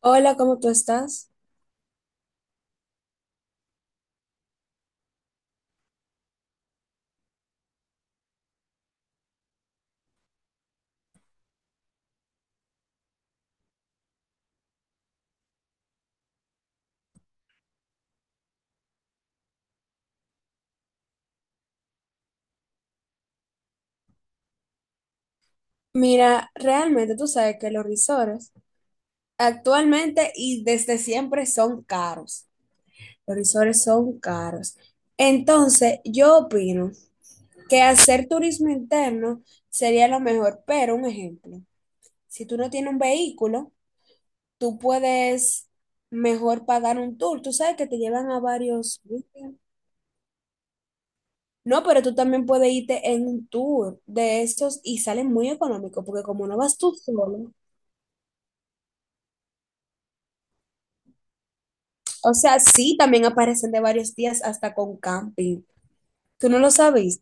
Hola, ¿cómo tú estás? Mira, realmente tú sabes que los risores actualmente y desde siempre son caros. Los risores son caros. Entonces, yo opino que hacer turismo interno sería lo mejor, pero un ejemplo, si tú no tienes un vehículo, tú puedes mejor pagar un tour. Tú sabes que te llevan a varios sitios. No, pero tú también puedes irte en un tour de esos y salen muy económicos, porque como no vas tú solo. O sea, sí, también aparecen de varios días hasta con camping. ¿Tú no lo sabías?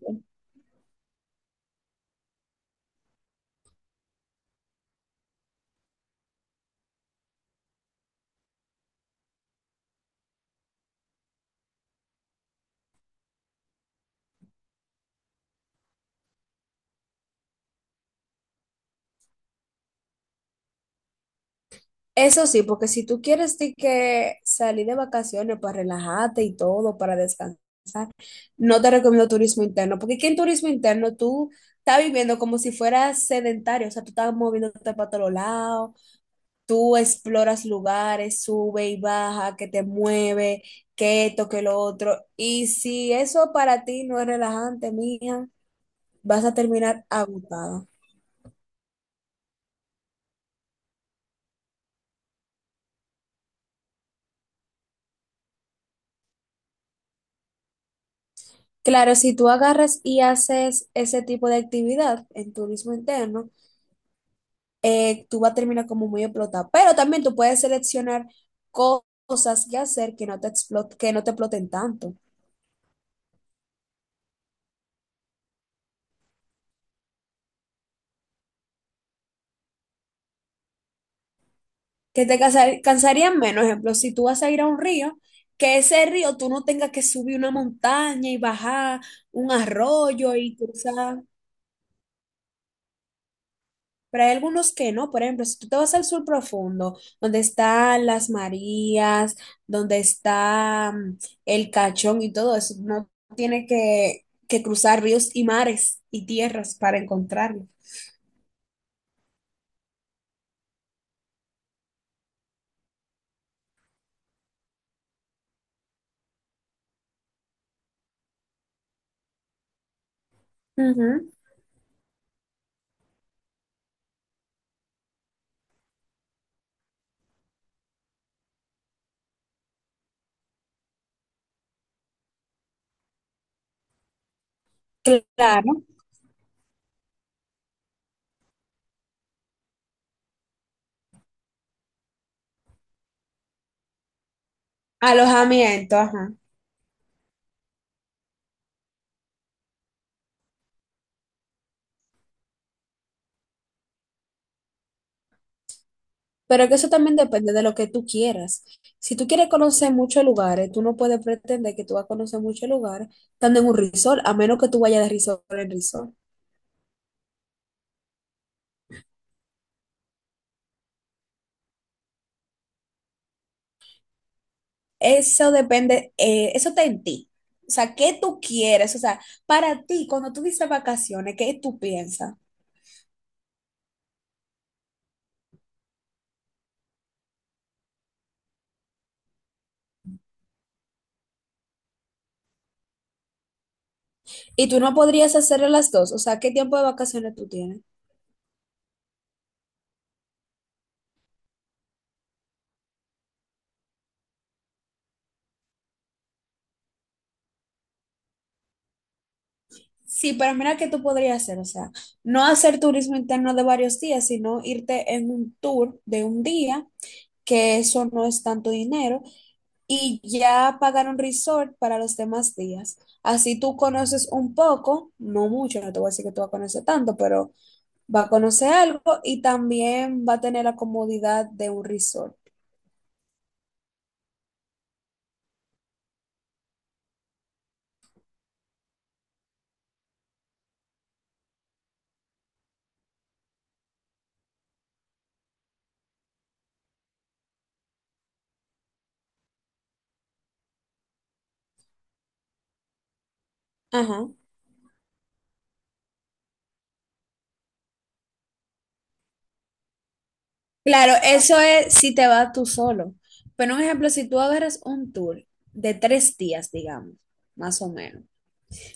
Eso sí, porque si tú quieres de que salir de vacaciones para relajarte y todo, para descansar, no te recomiendo turismo interno, porque aquí en turismo interno tú estás viviendo como si fueras sedentario, o sea, tú estás moviéndote para todos lados, tú exploras lugares, sube y baja, que te mueve, que esto, que lo otro. Y si eso para ti no es relajante, mija, vas a terminar agotada. Claro, si tú agarras y haces ese tipo de actividad en turismo interno, tú vas a terminar como muy explotada. Pero también tú puedes seleccionar cosas que hacer que no te que no te exploten tanto, que te cansarían menos. Ejemplo, si tú vas a ir a un río, que ese río tú no tengas que subir una montaña y bajar un arroyo y cruzar. Pero hay algunos que no. Por ejemplo, si tú te vas al sur profundo, donde están las Marías, donde está el Cachón y todo eso, no tiene que cruzar ríos y mares y tierras para encontrarlo. Ujú. Claro, alojamiento, ajá. Pero que eso también depende de lo que tú quieras. Si tú quieres conocer muchos lugares, tú no puedes pretender que tú vas a conocer muchos lugares estando en un resort, a menos que tú vayas de resort en resort. Eso depende, eso está en ti. O sea, ¿qué tú quieres? O sea, para ti, cuando tú dices vacaciones, ¿qué tú piensas? Y tú no podrías hacer las dos. O sea, ¿qué tiempo de vacaciones tú tienes? Sí, pero mira qué tú podrías hacer. O sea, no hacer turismo interno de varios días, sino irte en un tour de un día, que eso no es tanto dinero, y ya pagar un resort para los demás días. Así tú conoces un poco, no mucho, no te voy a decir que tú vas a conocer tanto, pero va a conocer algo y también va a tener la comodidad de un resort. Ajá. Claro, eso es si te vas tú solo. Pero un ejemplo, si tú agarras un tour de tres días, digamos, más o menos,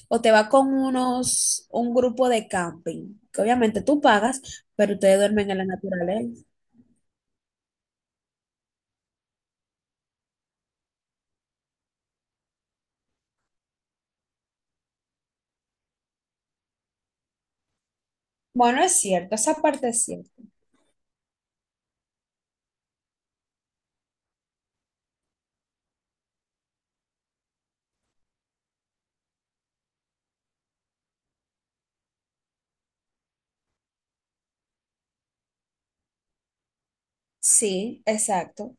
o te vas con unos, un grupo de camping, que obviamente tú pagas, pero ustedes duermen en la naturaleza. Bueno, es cierto, esa parte es cierta. Sí, exacto.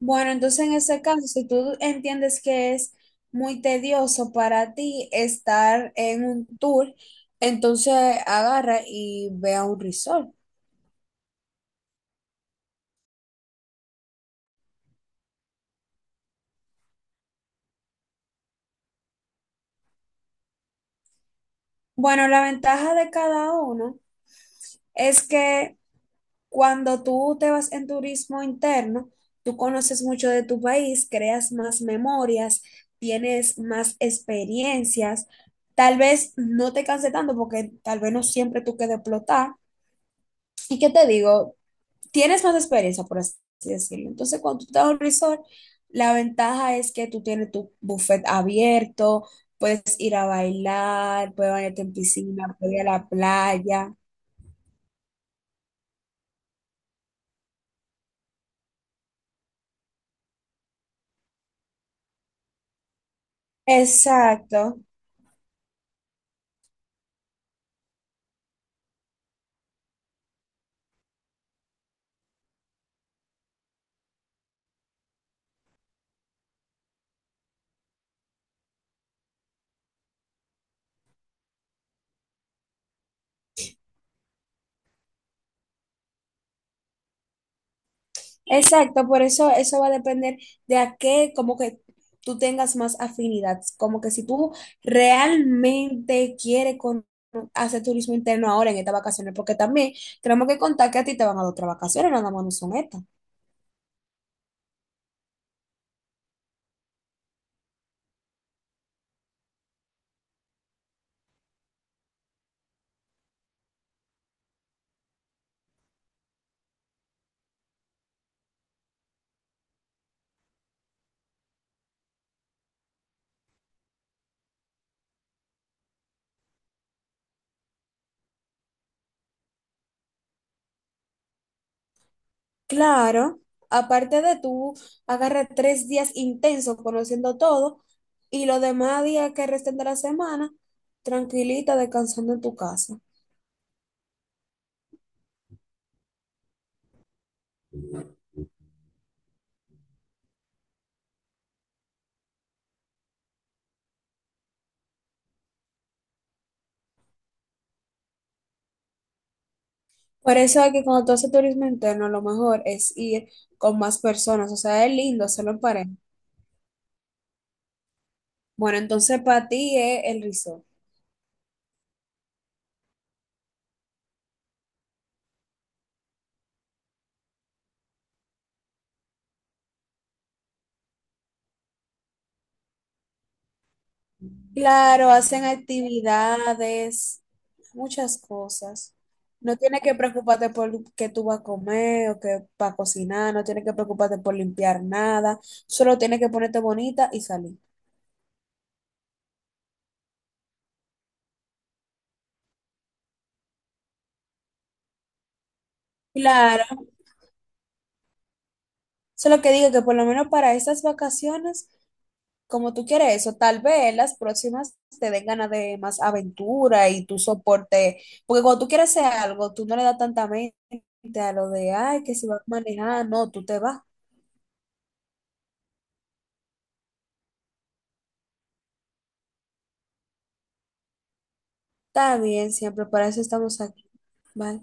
Bueno, entonces en ese caso, si tú entiendes que es muy tedioso para ti estar en un tour, entonces agarra y ve a un resort. Bueno, la ventaja de cada uno es que cuando tú te vas en turismo interno, tú conoces mucho de tu país, creas más memorias, tienes más experiencias, tal vez no te canse tanto porque tal vez no siempre tú quedes explotar. ¿Y qué te digo? Tienes más experiencia, por así decirlo. Entonces, cuando tú estás en un resort, la ventaja es que tú tienes tu buffet abierto, puedes ir a bailar, puedes bañarte en piscina, puedes ir a la playa. Exacto. Exacto, por eso eso va a depender de a qué, como que tú tengas más afinidad, como que si tú realmente quieres hacer turismo interno ahora en estas vacaciones, porque también tenemos que contar que a ti te van a dar otras vacaciones, nada más no son estas. Claro, aparte de tú, agarra tres días intensos conociendo todo y los demás días que resten de la semana, tranquilita, descansando en tu casa. Por eso es que cuando tú haces turismo interno, lo mejor es ir con más personas. O sea, es lindo hacerlo en pareja. Bueno, entonces para ti es el resort. Claro, hacen actividades, muchas cosas. No tienes que preocuparte por qué tú vas a comer o qué vas a cocinar, no tienes que preocuparte por limpiar nada, solo tienes que ponerte bonita y salir. Claro, eso es lo que digo, que por lo menos para estas vacaciones, como tú quieres eso, tal vez las próximas te den ganas de más aventura y tu soporte, porque cuando tú quieres hacer algo, tú no le das tanta mente a lo de, ay, que si vas a manejar, no, tú te vas. Está bien, siempre, para eso estamos aquí. Bye.